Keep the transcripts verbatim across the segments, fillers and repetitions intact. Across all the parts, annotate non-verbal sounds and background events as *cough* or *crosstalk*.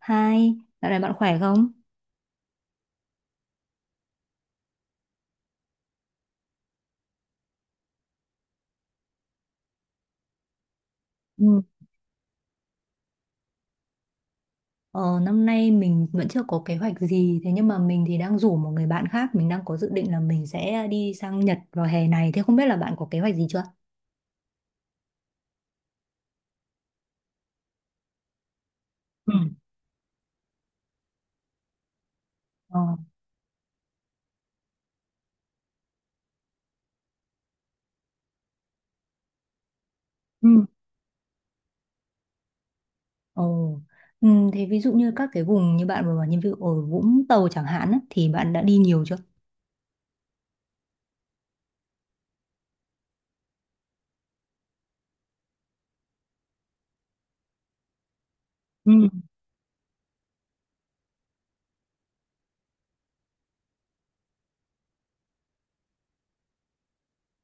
Hai, dạo này bạn khỏe không? Ừ. Ờ, năm nay mình vẫn chưa có kế hoạch gì, thế nhưng mà mình thì đang rủ một người bạn khác, mình đang có dự định là mình sẽ đi sang Nhật vào hè này, thế không biết là bạn có kế hoạch gì chưa? Ừ. Ờ. Ừ. Ồ, ừ, thế ví dụ như các cái vùng như bạn vừa bảo như ví dụ ở Vũng Tàu chẳng hạn á, thì bạn đã đi nhiều chưa?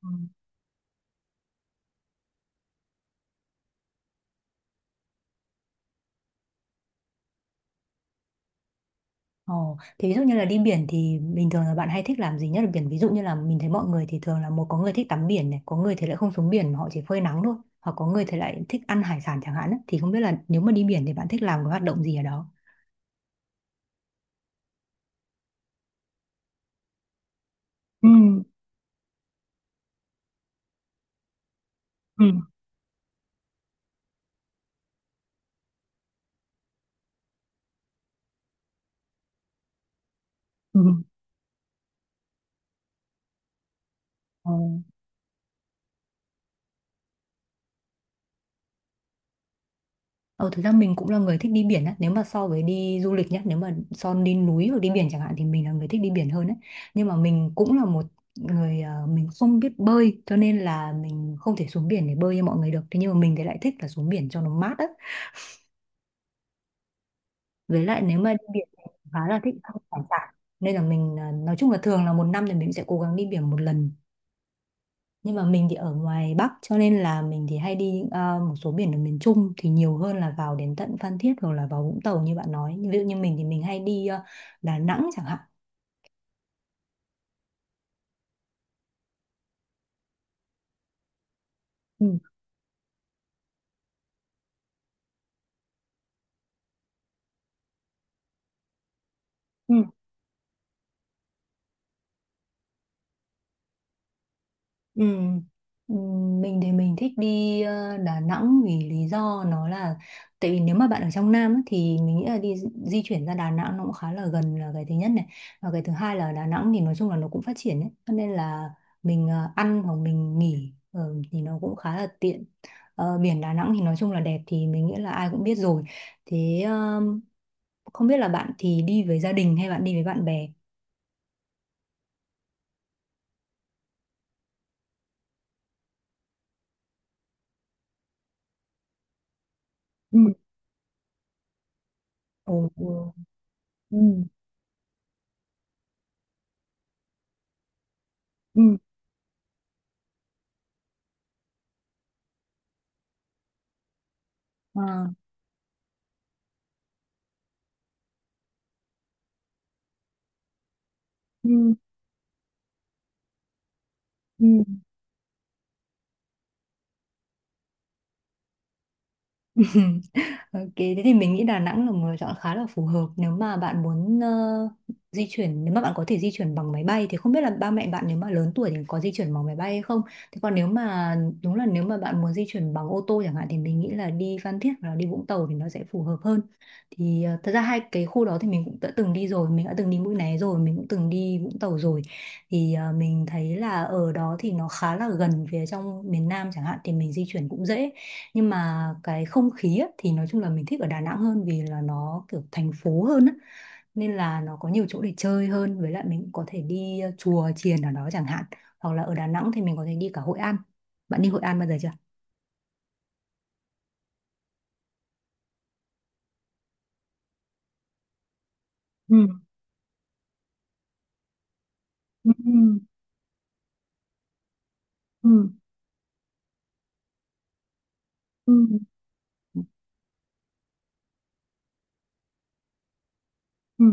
Ừ. Ồ, thế ví dụ như là đi biển thì bình thường là bạn hay thích làm gì nhất ở biển? Ví dụ như là mình thấy mọi người thì thường là một có người thích tắm biển này, có người thì lại không xuống biển mà họ chỉ phơi nắng thôi, hoặc có người thì lại thích ăn hải sản chẳng hạn ấy. Thì không biết là nếu mà đi biển thì bạn thích làm cái hoạt động gì ở đó? Ừ, ừ, ừ. Ồ. Ờ, thực ra mình cũng là người thích đi biển á. Nếu mà so với đi du lịch nhá, nếu mà so đi núi hoặc đi biển chẳng hạn thì mình là người thích đi biển hơn đấy. Nhưng mà mình cũng là một người ờ, mình không biết bơi cho nên là mình không thể xuống biển để bơi như mọi người được. Thế nhưng mà mình thì lại thích là xuống biển cho nó mát á. Với lại nếu mà đi biển thì khá là thích ăn hải sản. Nên là mình ờ, nói chung là thường là một năm thì mình sẽ cố gắng đi biển một lần nhưng mà mình thì ở ngoài Bắc cho nên là mình thì hay đi à, một số biển ở miền Trung thì nhiều hơn là vào đến tận Phan Thiết hoặc là vào Vũng Tàu như bạn nói ví dụ như mình thì mình hay đi à, Đà Nẵng chẳng hạn. Ừ. Ừ. Ừ. Ừ, mình thì mình thích đi ờ, Đà Nẵng vì lý do nó là tại vì nếu mà bạn ở trong Nam á, thì mình nghĩ là đi di chuyển ra Đà Nẵng nó cũng khá là gần là cái thứ nhất này và cái thứ hai là Đà Nẵng thì nói chung là nó cũng phát triển ấy cho nên là mình ờ, ăn hoặc mình nghỉ ờ, thì nó cũng khá là tiện. Ờ, biển Đà Nẵng thì nói chung là đẹp thì mình nghĩ là ai cũng biết rồi. Thế ờ, không biết là bạn thì đi với gia đình hay bạn đi với bạn bè? Ừ. Ồ, ừ, ừ, ờ. Ừ, ừ. *laughs* Ok, thế thì mình nghĩ Đà Nẵng là một lựa chọn khá là phù hợp nếu mà bạn muốn ờ, di chuyển, nếu mà bạn có thể di chuyển bằng máy bay thì không biết là ba mẹ bạn nếu mà lớn tuổi thì có di chuyển bằng máy bay hay không. Thế còn nếu mà đúng là nếu mà bạn muốn di chuyển bằng ô tô chẳng hạn thì mình nghĩ là đi Phan Thiết hoặc là đi Vũng Tàu thì nó sẽ phù hợp hơn. Thì ờ, thật ra hai cái khu đó thì mình cũng đã từng đi rồi, mình đã từng đi Mũi Né rồi, mình cũng từng đi Vũng Tàu rồi. Thì ờ, mình thấy là ở đó thì nó khá là gần phía trong miền Nam chẳng hạn thì mình di chuyển cũng dễ nhưng mà cái không khí á, thì nói chung là mình thích ở Đà Nẵng hơn vì là nó kiểu thành phố hơn á. Nên là nó có nhiều chỗ để chơi hơn với lại mình cũng có thể đi ờ, chùa chiền ở đó chẳng hạn hoặc là ở Đà Nẵng thì mình có thể đi cả Hội An. Bạn đi Hội An bao giờ chưa? Ừ, ừ, ừ, ừ, ừ,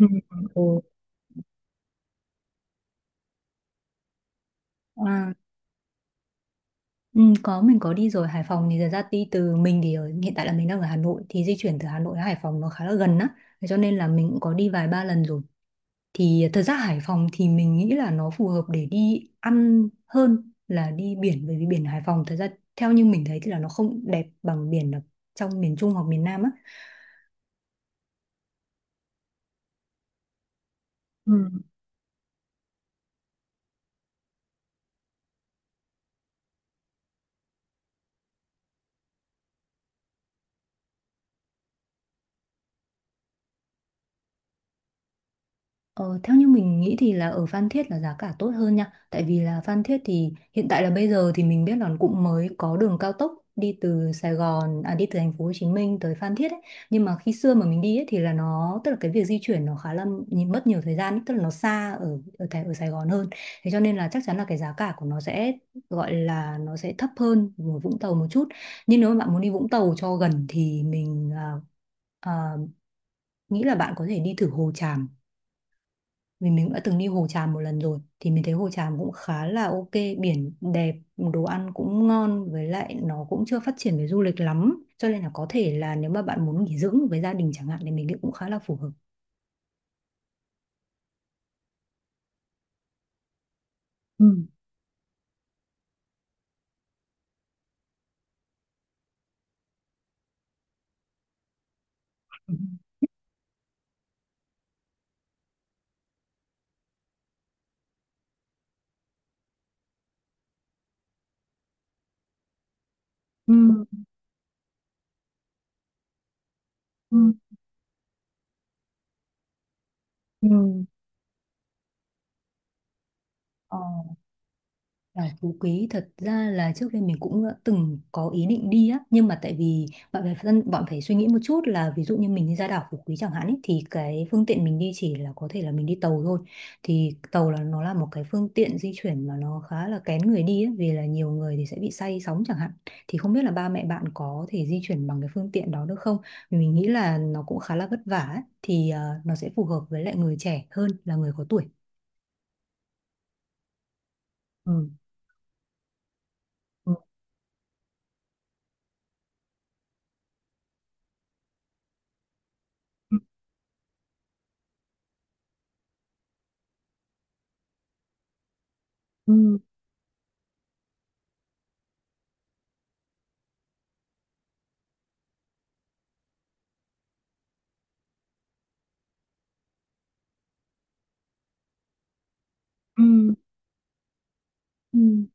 ừ, ừ. À, ừ, có mình có đi rồi. Hải Phòng thì thật ra đi từ mình thì ở, hiện tại là mình đang ở Hà Nội thì di chuyển từ Hà Nội đến Hải Phòng nó khá là gần á. Thế cho nên là mình cũng có đi vài ba lần rồi. Thì thật ra Hải Phòng thì mình nghĩ là nó phù hợp để đi ăn hơn là đi biển bởi vì biển Hải Phòng thật ra theo như mình thấy thì là nó không đẹp bằng biển ở trong miền Trung hoặc miền Nam á. Ờ, theo như mình nghĩ thì là ở Phan Thiết là giá cả tốt hơn nha. Tại vì là Phan Thiết thì hiện tại là bây giờ thì mình biết là cũng mới có đường cao tốc đi từ Sài Gòn à đi từ thành phố Hồ Chí Minh tới Phan Thiết ấy. Nhưng mà khi xưa mà mình đi ấy, thì là nó tức là cái việc di chuyển nó khá là nhì- mất nhiều thời gian ấy, tức là nó xa ở ở Thái- ở Sài Gòn hơn. Thế cho nên là chắc chắn là cái giá cả của nó sẽ gọi là nó sẽ thấp hơn ở Vũng Tàu một chút. Nhưng nếu mà bạn muốn đi Vũng Tàu cho gần thì mình à, à, nghĩ là bạn có thể đi thử Hồ Tràm vì mình đã từng đi Hồ Tràm một lần rồi thì mình thấy Hồ Tràm cũng khá là ok. Biển đẹp đồ ăn cũng ngon với lại nó cũng chưa phát triển về du lịch lắm cho nên là có thể là nếu mà bạn muốn nghỉ dưỡng với gia đình chẳng hạn thì mình nghĩ cũng khá là phù hợp. Ừ, ừ, ừ, ừ, ừ. Ờ. Đảo Phú Quý thật ra là trước đây mình cũng đã từng có ý định đi á nhưng mà tại vì bạn phải phân- bạn phải suy nghĩ một chút là ví dụ như mình đi ra đảo Phú Quý chẳng hạn ấy, thì cái phương tiện mình đi chỉ là có thể là mình đi tàu thôi thì tàu là nó là một cái phương tiện di chuyển mà nó khá là kén người đi ấy, vì là nhiều người thì sẽ bị say sóng chẳng hạn thì không biết là ba mẹ bạn có thể di chuyển bằng cái phương tiện đó được không. Vì mình nghĩ là nó cũng khá là vất vả ấy, thì ờ, nó sẽ phù hợp với lại người trẻ hơn là người có tuổi. Ừ. Ừ. Ừ. Ừ. Ừ.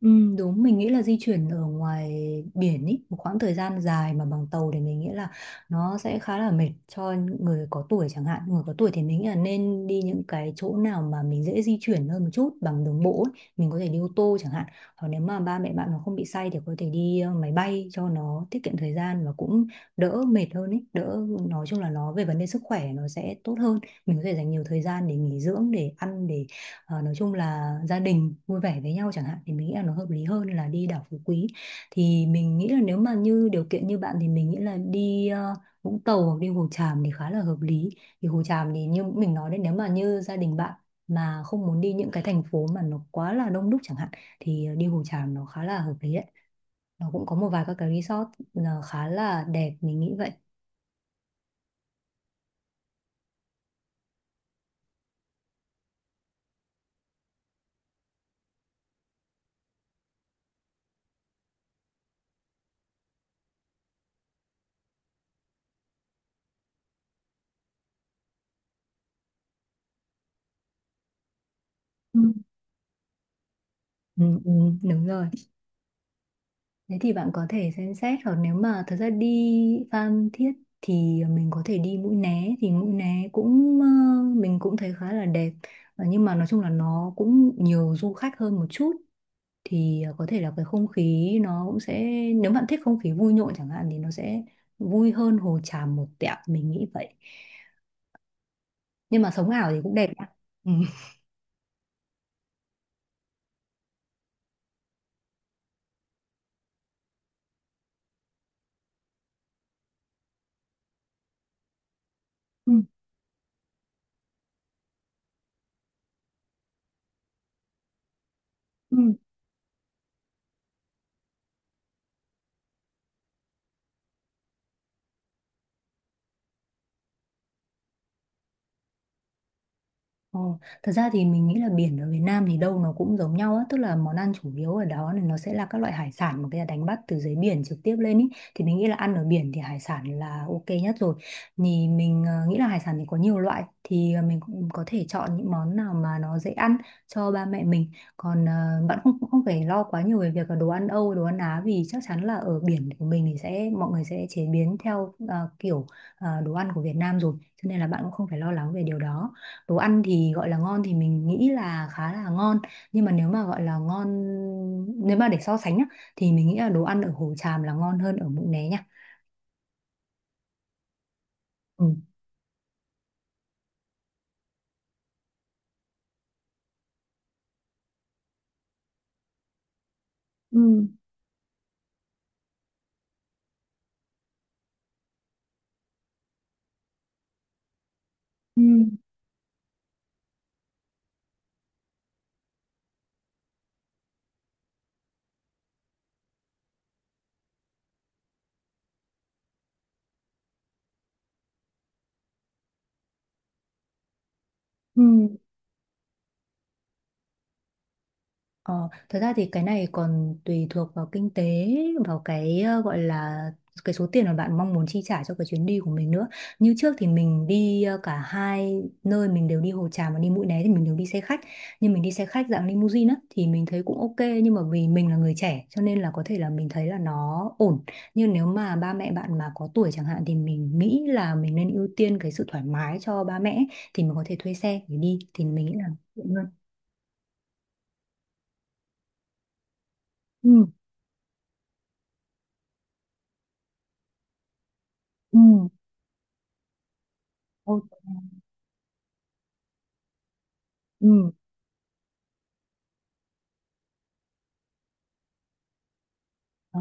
Ừ, đúng mình nghĩ là di chuyển ở ngoài biển ý một khoảng thời gian dài mà bằng tàu thì mình nghĩ là nó sẽ khá là mệt cho người có tuổi chẳng hạn người có tuổi thì mình nghĩ là nên đi những cái chỗ nào mà mình dễ di chuyển hơn một chút bằng đường bộ ấy. Mình có thể đi ô tô chẳng hạn hoặc nếu mà ba mẹ bạn mà không bị say thì có thể đi ờ, máy bay cho nó tiết kiệm thời gian và cũng đỡ mệt hơn ấy đỡ nói chung là nó về vấn đề sức khỏe nó sẽ tốt hơn mình có thể dành nhiều thời gian để nghỉ dưỡng để ăn để. Ờ, nói chung là gia đình vui vẻ với nhau chẳng hạn thì mình nghĩ là nó hợp lý hơn là đi đảo Phú Quý thì mình nghĩ là nếu mà như điều kiện như bạn thì mình nghĩ là đi ờ, Vũng Tàu hoặc đi Hồ Tràm thì khá là hợp lý. Thì Hồ Tràm thì như mình nói đấy nếu mà như gia đình bạn mà không muốn đi những cái thành phố mà nó quá là đông đúc chẳng hạn thì ờ, đi Hồ Tràm nó khá là hợp lý đấy. Nó cũng có một vài các cái resort là khá là đẹp mình nghĩ vậy. Ừ, ừ, ừ, đúng rồi. Thế thì bạn có thể xem xét hoặc nếu mà thật ra đi Phan Thiết thì mình có thể đi Mũi Né thì Mũi Né cũng ờ, mình cũng thấy khá là đẹp. Ờ, nhưng mà nói chung là nó cũng nhiều du khách hơn một chút thì ờ, có thể là cái không khí nó cũng sẽ nếu bạn thích không khí vui nhộn chẳng hạn thì nó sẽ vui hơn Hồ Tràm một tẹo mình nghĩ vậy. Nhưng mà sống ảo thì cũng đẹp nhá. Ừ. Ừ. Ừ. Ồ, thật ra thì mình nghĩ là biển ở Việt Nam thì đâu nó cũng giống nhau á, tức là món ăn chủ yếu ở đó thì nó sẽ là các loại hải sản mà người ta đánh bắt từ dưới biển trực tiếp lên ý. Thì mình nghĩ là ăn ở biển thì hải sản là ok nhất rồi. Thì mình ờ, nghĩ là hải sản thì có nhiều loại thì ờ, mình cũng có thể chọn những món nào mà nó dễ ăn cho ba mẹ mình. Còn ờ, bạn không không phải lo quá nhiều về việc là đồ ăn Âu, đồ ăn Á vì chắc chắn là ở biển của mình thì sẽ mọi người sẽ chế biến theo ờ, kiểu ờ, đồ ăn của Việt Nam rồi, cho nên là bạn cũng không phải lo lắng về điều đó. Đồ ăn thì gọi là ngon thì mình nghĩ là khá là ngon nhưng mà nếu mà gọi là ngon nếu mà để so sánh nhá thì mình nghĩ là đồ ăn ở Hồ Tràm là ngon hơn ở Mũi Né nha. Ừ. Ừ. Ừ. Ừ. Ờ, thật ra thì cái này còn tùy thuộc vào kinh tế, vào cái ờ, gọi là cái số tiền mà bạn mong muốn chi trả cho cái chuyến đi của mình nữa. Như trước thì mình đi ờ, cả hai nơi, mình đều đi Hồ Tràm và đi Mũi Né thì mình đều đi xe khách. Nhưng mình đi xe khách dạng limousine á thì mình thấy cũng ok nhưng mà vì mình là người trẻ cho nên là có thể là mình thấy là nó ổn. Nhưng nếu mà ba mẹ bạn mà có tuổi chẳng hạn thì mình nghĩ là mình nên ưu tiên cái sự thoải mái cho ba mẹ ấy, thì mình có thể thuê xe để đi thì mình nghĩ là tiện hơn. Ừ. Ừ. Ok. Ừ, ờ,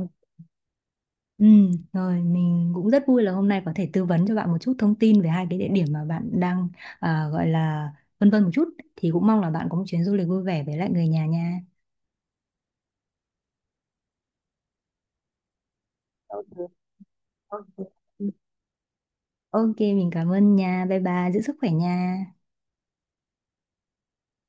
ừ, rồi mình cũng rất vui là hôm nay có thể tư vấn cho bạn một chút thông tin về hai cái địa điểm mà bạn đang à, gọi là vân vân một chút thì cũng mong là bạn có một chuyến du lịch vui vẻ với lại người nhà nha. Ok, ok. Ok, mình cảm ơn nha. Bye bye, giữ sức khỏe nha.